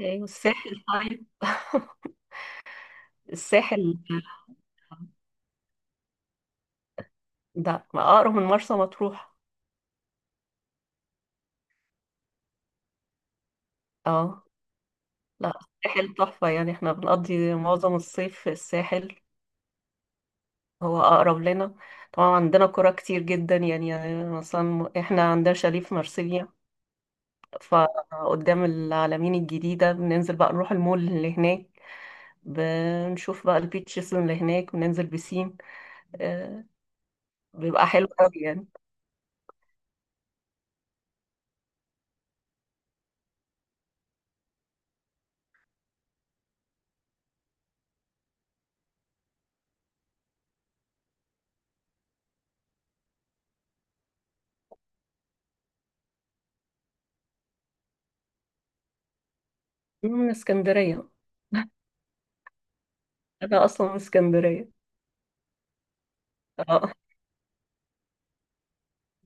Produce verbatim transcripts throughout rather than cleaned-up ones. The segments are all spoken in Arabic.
ايه والساحل طيب؟ الساحل ده اقرب من مرسى مطروح. اه لا، الساحل تحفة يعني، احنا بنقضي معظم الصيف في الساحل. هو اقرب لنا. طبعا عندنا قرى كتير جدا يعني، يعني مثلا احنا عندنا شاليه في مرسيليا، فقدام العلمين الجديدة بننزل بقى نروح المول اللي هناك. بنشوف بقى البيتشز اللي هناك وننزل بسين. آه، بيبقى حلو قوي يعني. أنا من اسكندرية، انا اصلا من اسكندرية. آه.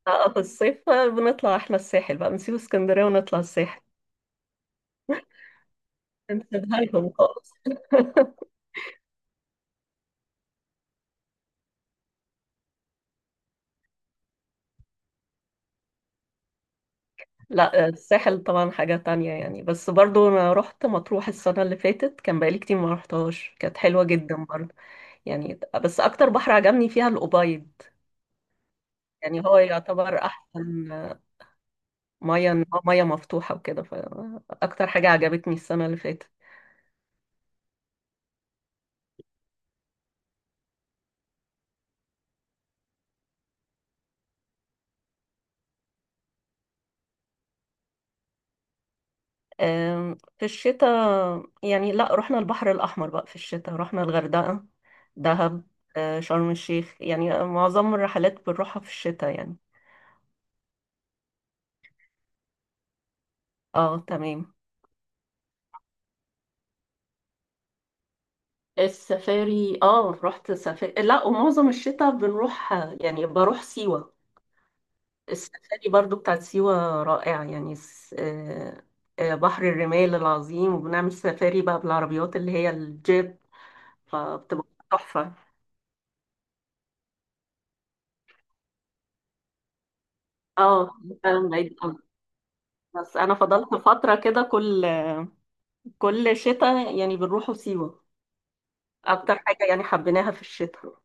آه، في الصيف بقى بنطلع احنا الساحل، بقى بنسيب اسكندرية ونطلع الساحل. نسيبها لهم خالص. لا الساحل طبعا حاجة تانية يعني، بس برضو انا رحت مطروح السنة اللي فاتت، كان بقالي كتير ما رحتهاش، كانت حلوة جدا برضو. يعني بس اكتر بحر عجبني فيها الأبيض، يعني هو يعتبر احسن. مية، إن هو مية مفتوحة وكده، فاكتر حاجة عجبتني السنة اللي فاتت. آم، في الشتاء يعني لا، رحنا البحر الأحمر بقى في الشتاء، رحنا الغردقة، دهب، آه، شرم الشيخ، يعني معظم الرحلات بنروحها في الشتاء يعني. اه تمام. السفاري، اه رحت سفاري، لا ومعظم الشتاء بنروح يعني، بروح سيوة. السفاري برضو بتاعت سيوة رائعة يعني. س- آه، آه، بحر الرمال العظيم، وبنعمل سفاري بقى بالعربيات اللي هي الجيب، فبتبقى تحفة. اه بس انا فضلت فتره كده، كل كل شتاء يعني بنروحوا سيوه، اكتر حاجه يعني حبيناها في الشتاء.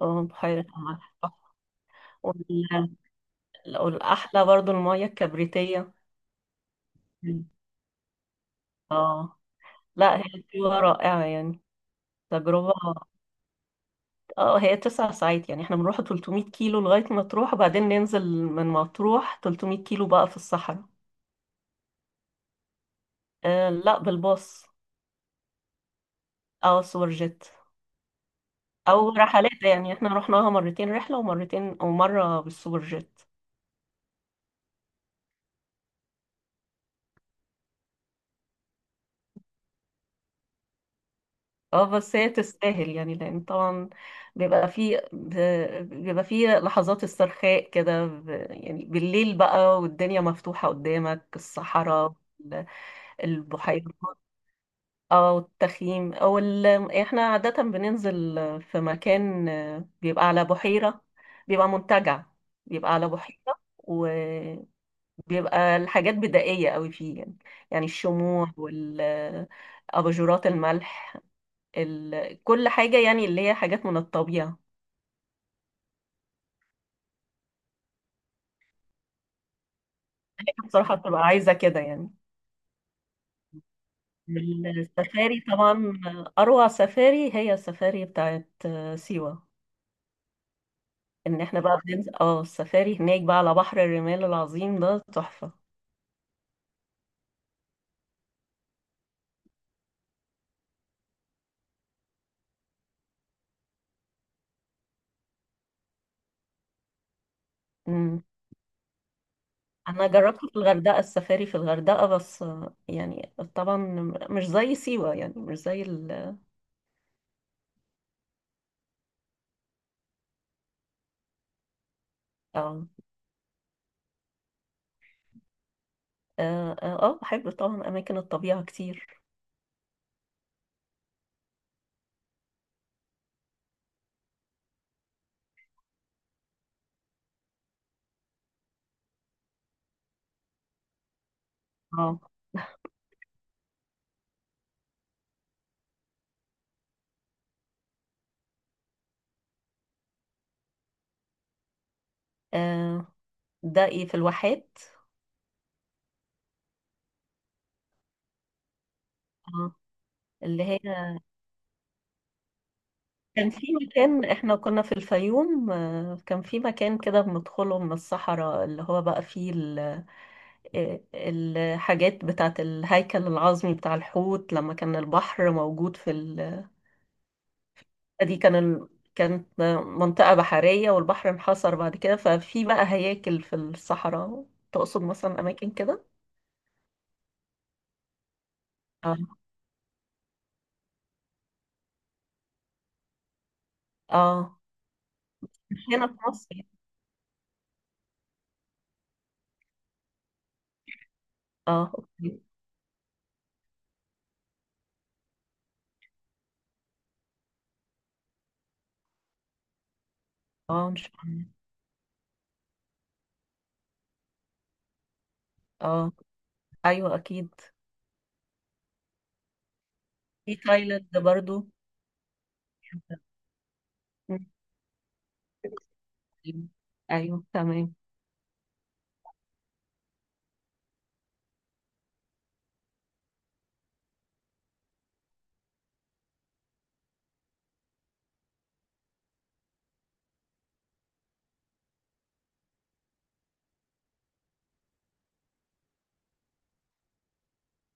اه بحيره الملح. وال- والاحلى برضو الميه الكبريتيه. مم. اه. لا هي سيوه رائعه يعني، تجربه. اه هي تسع ساعات، يعني احنا بنروح تلتمية كيلو لغايه مطروح، وبعدين ننزل من مطروح تلتمية كيلو بقى في الصحراء. آه لا، بالباص او سوبر جيت، او رحلات. يعني احنا رحناها مرتين، رحله ومرتين ومره بالسوبر جيت. اه بس هي تستاهل يعني، لان طبعا بيبقى فيه ب- بيبقى فيه لحظات استرخاء كده، ب- يعني بالليل بقى، والدنيا مفتوحة قدامك الصحراء، ال- البحيرات. اه والتخييم او ال... احنا عادة بننزل في مكان، بيبقى على بحيرة، بيبقى منتجع، بيبقى على بحيرة، وبيبقى الحاجات بدائية قوي فيه يعني. يعني الشموع وال اباجورات الملح، ال... كل حاجة يعني اللي هي حاجات من الطبيعة. بصراحة بتبقى عايزة كده يعني. السفاري طبعا، أروع سفاري هي السفاري بتاعت سيوة. إن إحنا بقى بننزل اه السفاري هناك بقى على بحر الرمال العظيم، ده تحفة. مم. أنا جربت في الغردقة، السفاري في الغردقة بس، يعني طبعا مش زي سيوة، يعني مش زي ال. اه اه. آه، آه، بحب طبعا أماكن الطبيعة كتير. اه. آه، ده إيه في الواحات. اه اللي هي كان في مكان، احنا كنا في الفيوم، آه، كان في مكان كده بندخله من الصحراء، اللي هو بقى فيه ال- آه، الحاجات بتاعت الهيكل العظمي بتاع الحوت، لما كان البحر موجود في ال... دي كان ال... كانت منطقة بحرية والبحر انحصر بعد كده، ففي بقى هياكل في الصحراء. تقصد مثلا أماكن كده؟ اه اه، مش هنا في مصر. اه اوكي. اه مش هنا. اه ايوه اكيد. في تايلاند برضو. أيوه، أيوه، تمام.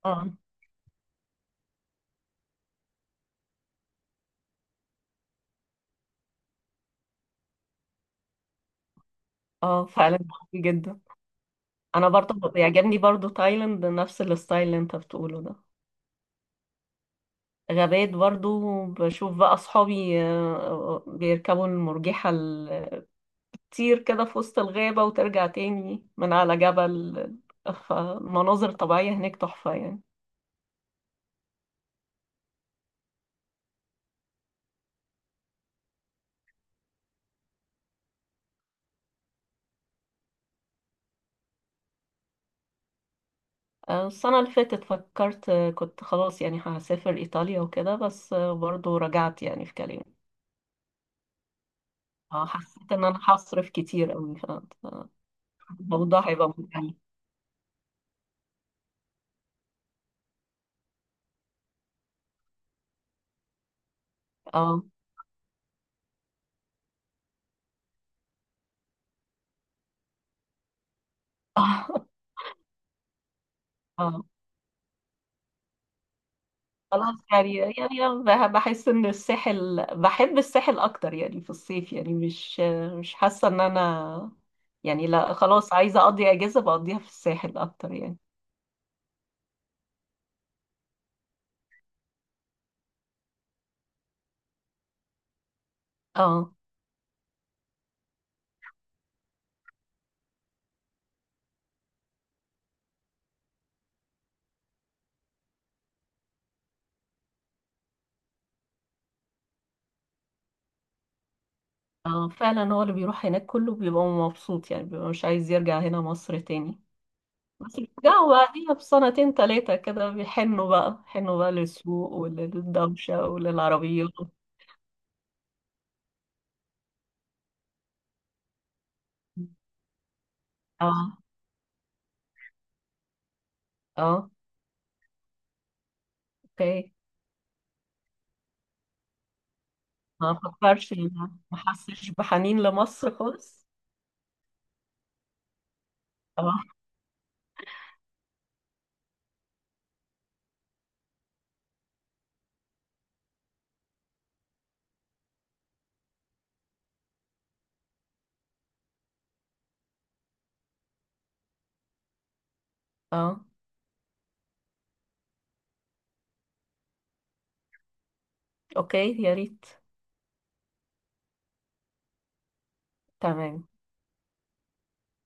اه. اه فعلا قوي جدا. أنا برضه بيعجبني برضه تايلاند، نفس الستايل اللي أنت بتقوله ده. غابات برضه، بشوف بقى أصحابي آه، بيركبوا المرجحة ال- تطير كده في وسط الغابة، وترجع تاني من على جبل. فمناظر طبيعية هناك تحفة يعني. آه، السنة اللي فاتت فكرت، آه، كنت خلاص يعني هسافر إيطاليا وكده، بس آه، برضه رجعت يعني في كلامي. آه، حسيت إن أنا هصرف كتير أوي. الموضوع هيبقى ممتع. اه. اه خلاص يعني، يعني أنا بح- بحس ان الساحل، بحب الساحل اكتر يعني في الصيف، يعني مش مش حاسه ان انا، يعني لا خلاص، عايزه اقضي اجازه بقضيها في الساحل اكتر يعني. اه. اه فعلا، هو اللي بيروح هناك كله بيبقى مبسوط يعني، بيبقى مش عايز يرجع هنا مصر تاني، بس بيرجعوا بعديها بسنتين تلاتة كده، بيحنوا بقى، حنوا بقى للسوق وللدوشة وللعربيات. اه. اه اوكي. ما فكرش، ما ما حسش بحنين لمصر خالص؟ اه. اه اوكي، يا ريت. تمام.